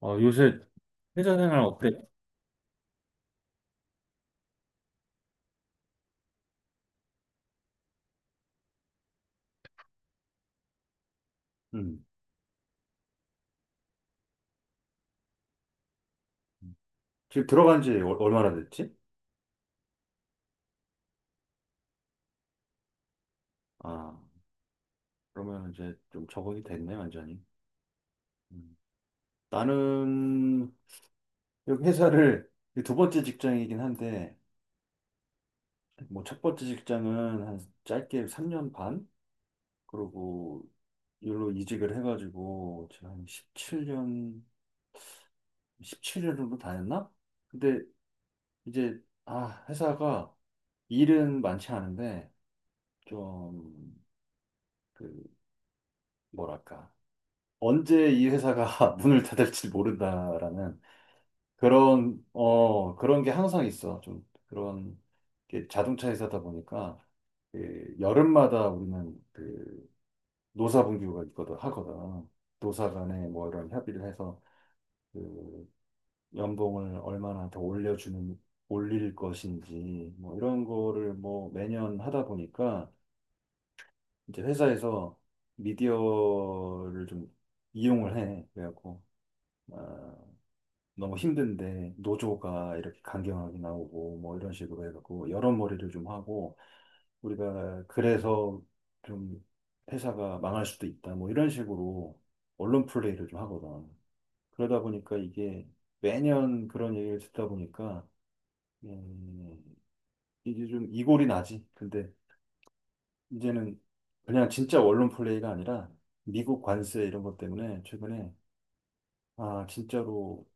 어, 요새 회사 생활 어때? 음. 지금 들어간 지 얼마나 됐지? 아, 그러면 이제 좀 적응이 됐네, 완전히. 음. 나는 여기 회사를 이두 번째 직장이긴 한데, 뭐 첫 번째 직장은 한 짧게 3년 반? 그리고 일로 이직을 해가지고 지금 한 17년, 17년 정도 다녔나? 근데 이제, 아, 회사가 일은 많지 않은데, 좀, 그, 뭐랄까. 언제 이 회사가 문을 닫을지 모른다라는 그런, 어, 그런 게 항상 있어. 좀 그런 게 자동차 회사다 보니까 그 여름마다 우리는 그 노사분규가 있거든, 하거든. 노사 간에 뭐 이런 협의를 해서 그 연봉을 얼마나 더 올려주는, 올릴 것인지 뭐 이런 거를 뭐 매년 하다 보니까 이제 회사에서 미디어를 좀 이용을 해. 그래갖고. 아, 너무 힘든데 노조가 이렇게 강경하게 나오고 뭐 이런 식으로 해갖고 여러 머리를 좀 하고 우리가 그래서 좀 회사가 망할 수도 있다 뭐 이런 식으로 언론 플레이를 좀 하거든. 그러다 보니까 이게 매년 그런 얘기를 듣다 보니까 음, 이게 좀 이골이 나지. 근데 이제는 그냥 진짜 언론 플레이가 아니라 미국 관세 이런 것 때문에 최근에 아 진짜로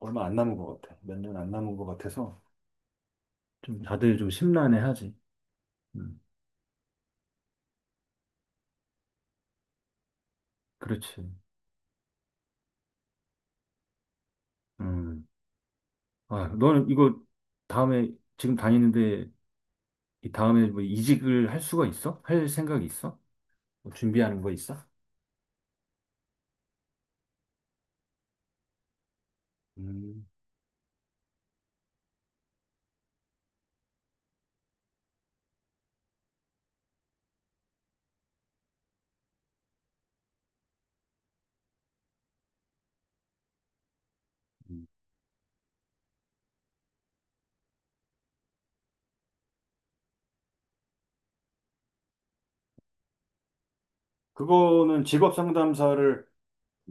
얼마 안 남은 것 같아. 몇 년 안 남은 것 같아서 좀 다들 좀 심란해하지. 음, 그렇지. 음. 아, 너는 이거 다음에 지금 다니는데 이 다음에 뭐 이직을 할 수가 있어? 할 생각이 있어? 뭐 준비하는 거 있어? 음, 음. 그거는 직업 상담사를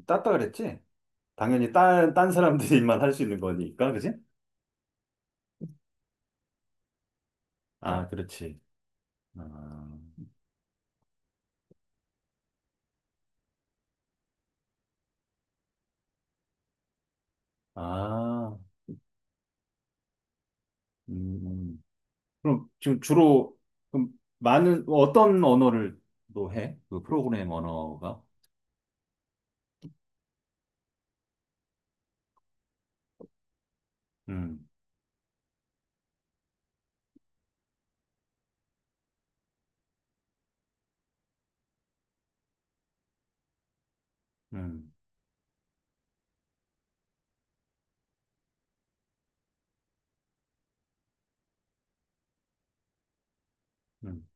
땄다 그랬지? 당연히 딴 사람들만 할 수 있는 거니까, 그지? 아, 그렇지. 아, 아, 음. 음. 그럼 지금 주로, 그럼 많은, 어떤 언어를 또 해? 그 프로그램 언어가? 음. 음, 음,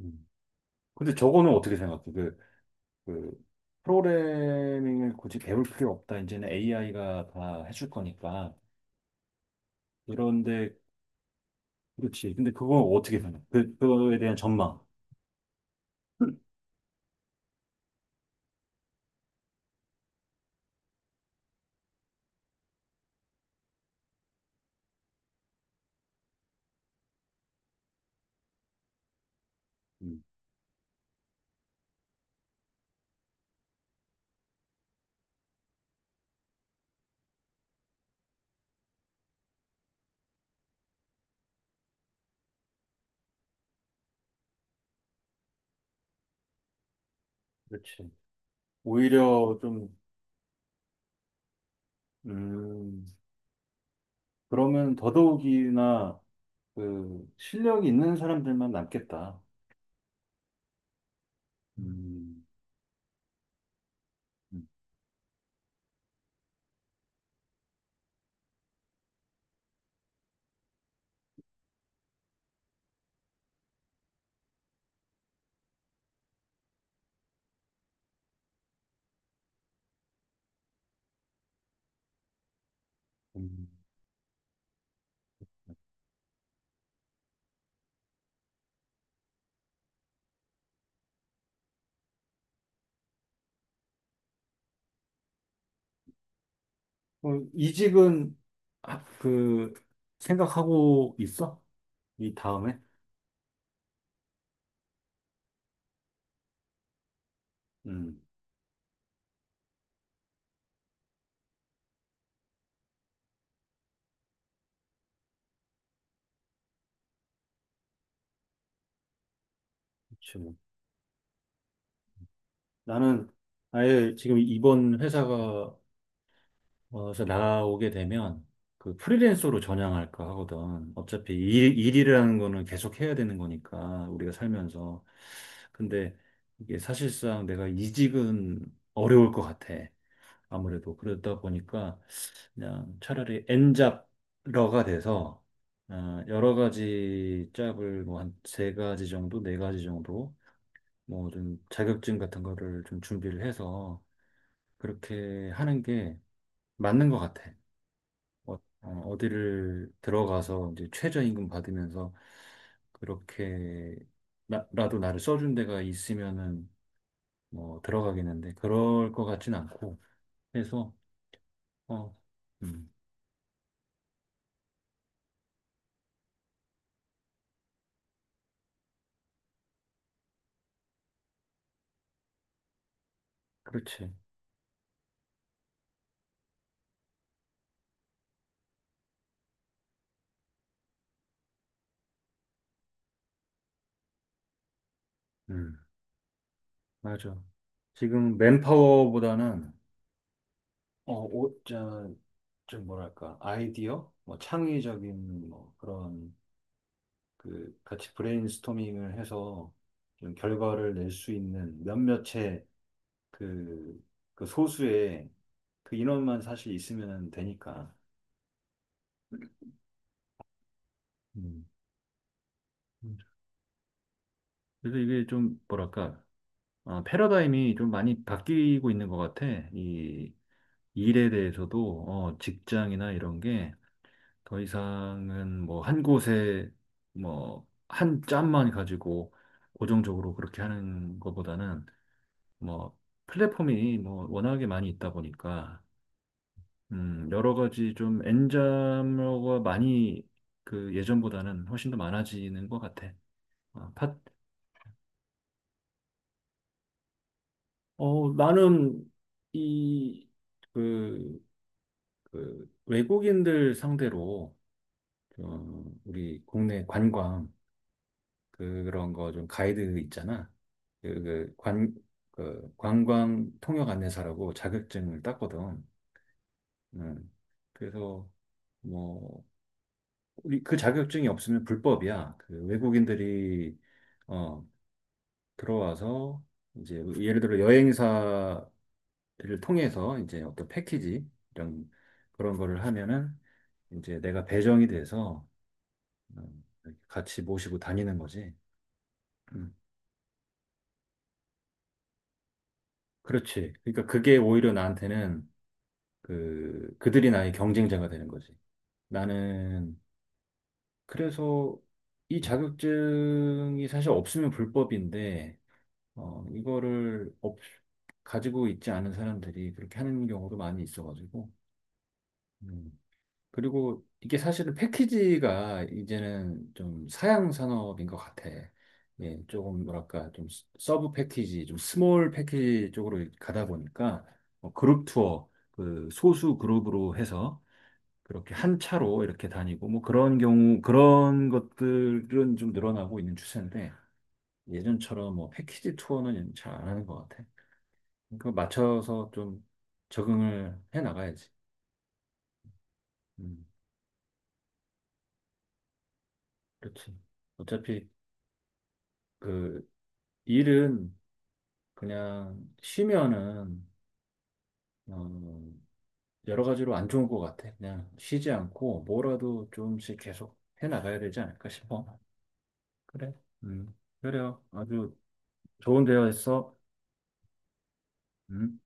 음. 근데 저거는 어떻게 생각해? 그, 프로그래밍을 굳이 배울 필요 없다. 이제는 AI가 다 해줄 거니까. 그런데, 그렇지. 근데 그건 어떻게 생각해? 그거에 대한 전망. 음, 그렇지. 오히려 좀, 음, 그러면 더더욱이나 그 실력이 있는 사람들만 남겠다. 음, 음, 음. 어, 이직은 아, 그 생각하고 있어? 이 다음에? 음, 그렇죠. 나는 아예 지금 이번 회사가 어서 나오게 되면 그 프리랜서로 전향할까 하거든. 어차피 일이라는 거는 계속 해야 되는 거니까 우리가 살면서. 근데 이게 사실상 내가 이직은 어려울 것 같아. 아무래도 그러다 보니까 그냥 차라리 엔잡러가 돼서 어, 여러 가지 짭을 뭐 한 세 가지 정도, 네 가지 정도 뭐 좀 자격증 같은 거를 좀 준비를 해서 그렇게 하는 게 맞는 것 같아. 어, 어, 어디를 들어가서 이제 최저임금 받으면서 그렇게 나, 라도 나를 써준 데가 있으면은 뭐 들어가겠는데 그럴 것 같진 않고 그래서 어, 음, 그렇지. 음, 맞아. 지금 맨파워보다는 어, 오, 저, 좀 뭐랄까 아이디어, 뭐 창의적인 뭐 그런 그 같이 브레인스토밍을 해서 좀 결과를 낼 수 있는 몇몇의 그, 그 소수의 그 인원만 사실 있으면 되니까. 음. 음. 그래서 이게 좀 뭐랄까 어, 패러다임이 좀 많이 바뀌고 있는 것 같아. 이 일에 대해서도 어, 직장이나 이런 게 더 이상은 뭐 한 곳에 뭐 한 짬만 가지고 고정적으로 그렇게 하는 것보다는 뭐 플랫폼이 뭐 워낙에 많이 있다 보니까 여러 가지 좀 N자가 많이 그 예전보다는 훨씬 더 많아지는 것 같아. 어, 팟, 어, 나는 이, 그, 그 외국인들 상대로 어, 우리 국내 관광 그런 거 좀 가이드 있잖아. 그, 그 관광 통역 안내사라고 자격증을 땄거든. 음. 그래서 뭐 우리 그 자격증이 없으면 불법이야. 그 외국인들이 어, 들어와서 이제 예를 들어 여행사를 통해서 이제 어떤 패키지 이런 그런 거를 하면은 이제 내가 배정이 돼서 음, 같이 모시고 다니는 거지. 음, 그렇지. 그러니까 그게 오히려 나한테는 그 그들이 나의 경쟁자가 되는 거지. 나는 그래서 이 자격증이 사실 없으면 불법인데 어, 이거를 없, 가지고 있지 않은 사람들이 그렇게 하는 경우도 많이 있어가지고. 음. 그리고 이게 사실은 패키지가 이제는 좀 사양 산업인 것 같아. 예, 조금 뭐랄까, 좀 서브 패키지, 좀 스몰 패키지 쪽으로 가다 보니까 뭐 그룹 투어, 그 소수 그룹으로 해서 그렇게 한 차로 이렇게 다니고 뭐 그런 경우, 그런 것들은 좀 늘어나고 있는 추세인데 예전처럼 뭐 패키지 투어는 잘 안 하는 것 같아. 그 맞춰서 좀 적응을 해 나가야지. 음, 그렇지. 어차피 그 일은 그냥 쉬면은 어, 여러 가지로 안 좋은 것 같아. 그냥 쉬지 않고 뭐라도 좀씩 계속 해 나가야 되지 않을까 싶어. 그래. 음, 그래요. 아주 좋은 대화였어. 음.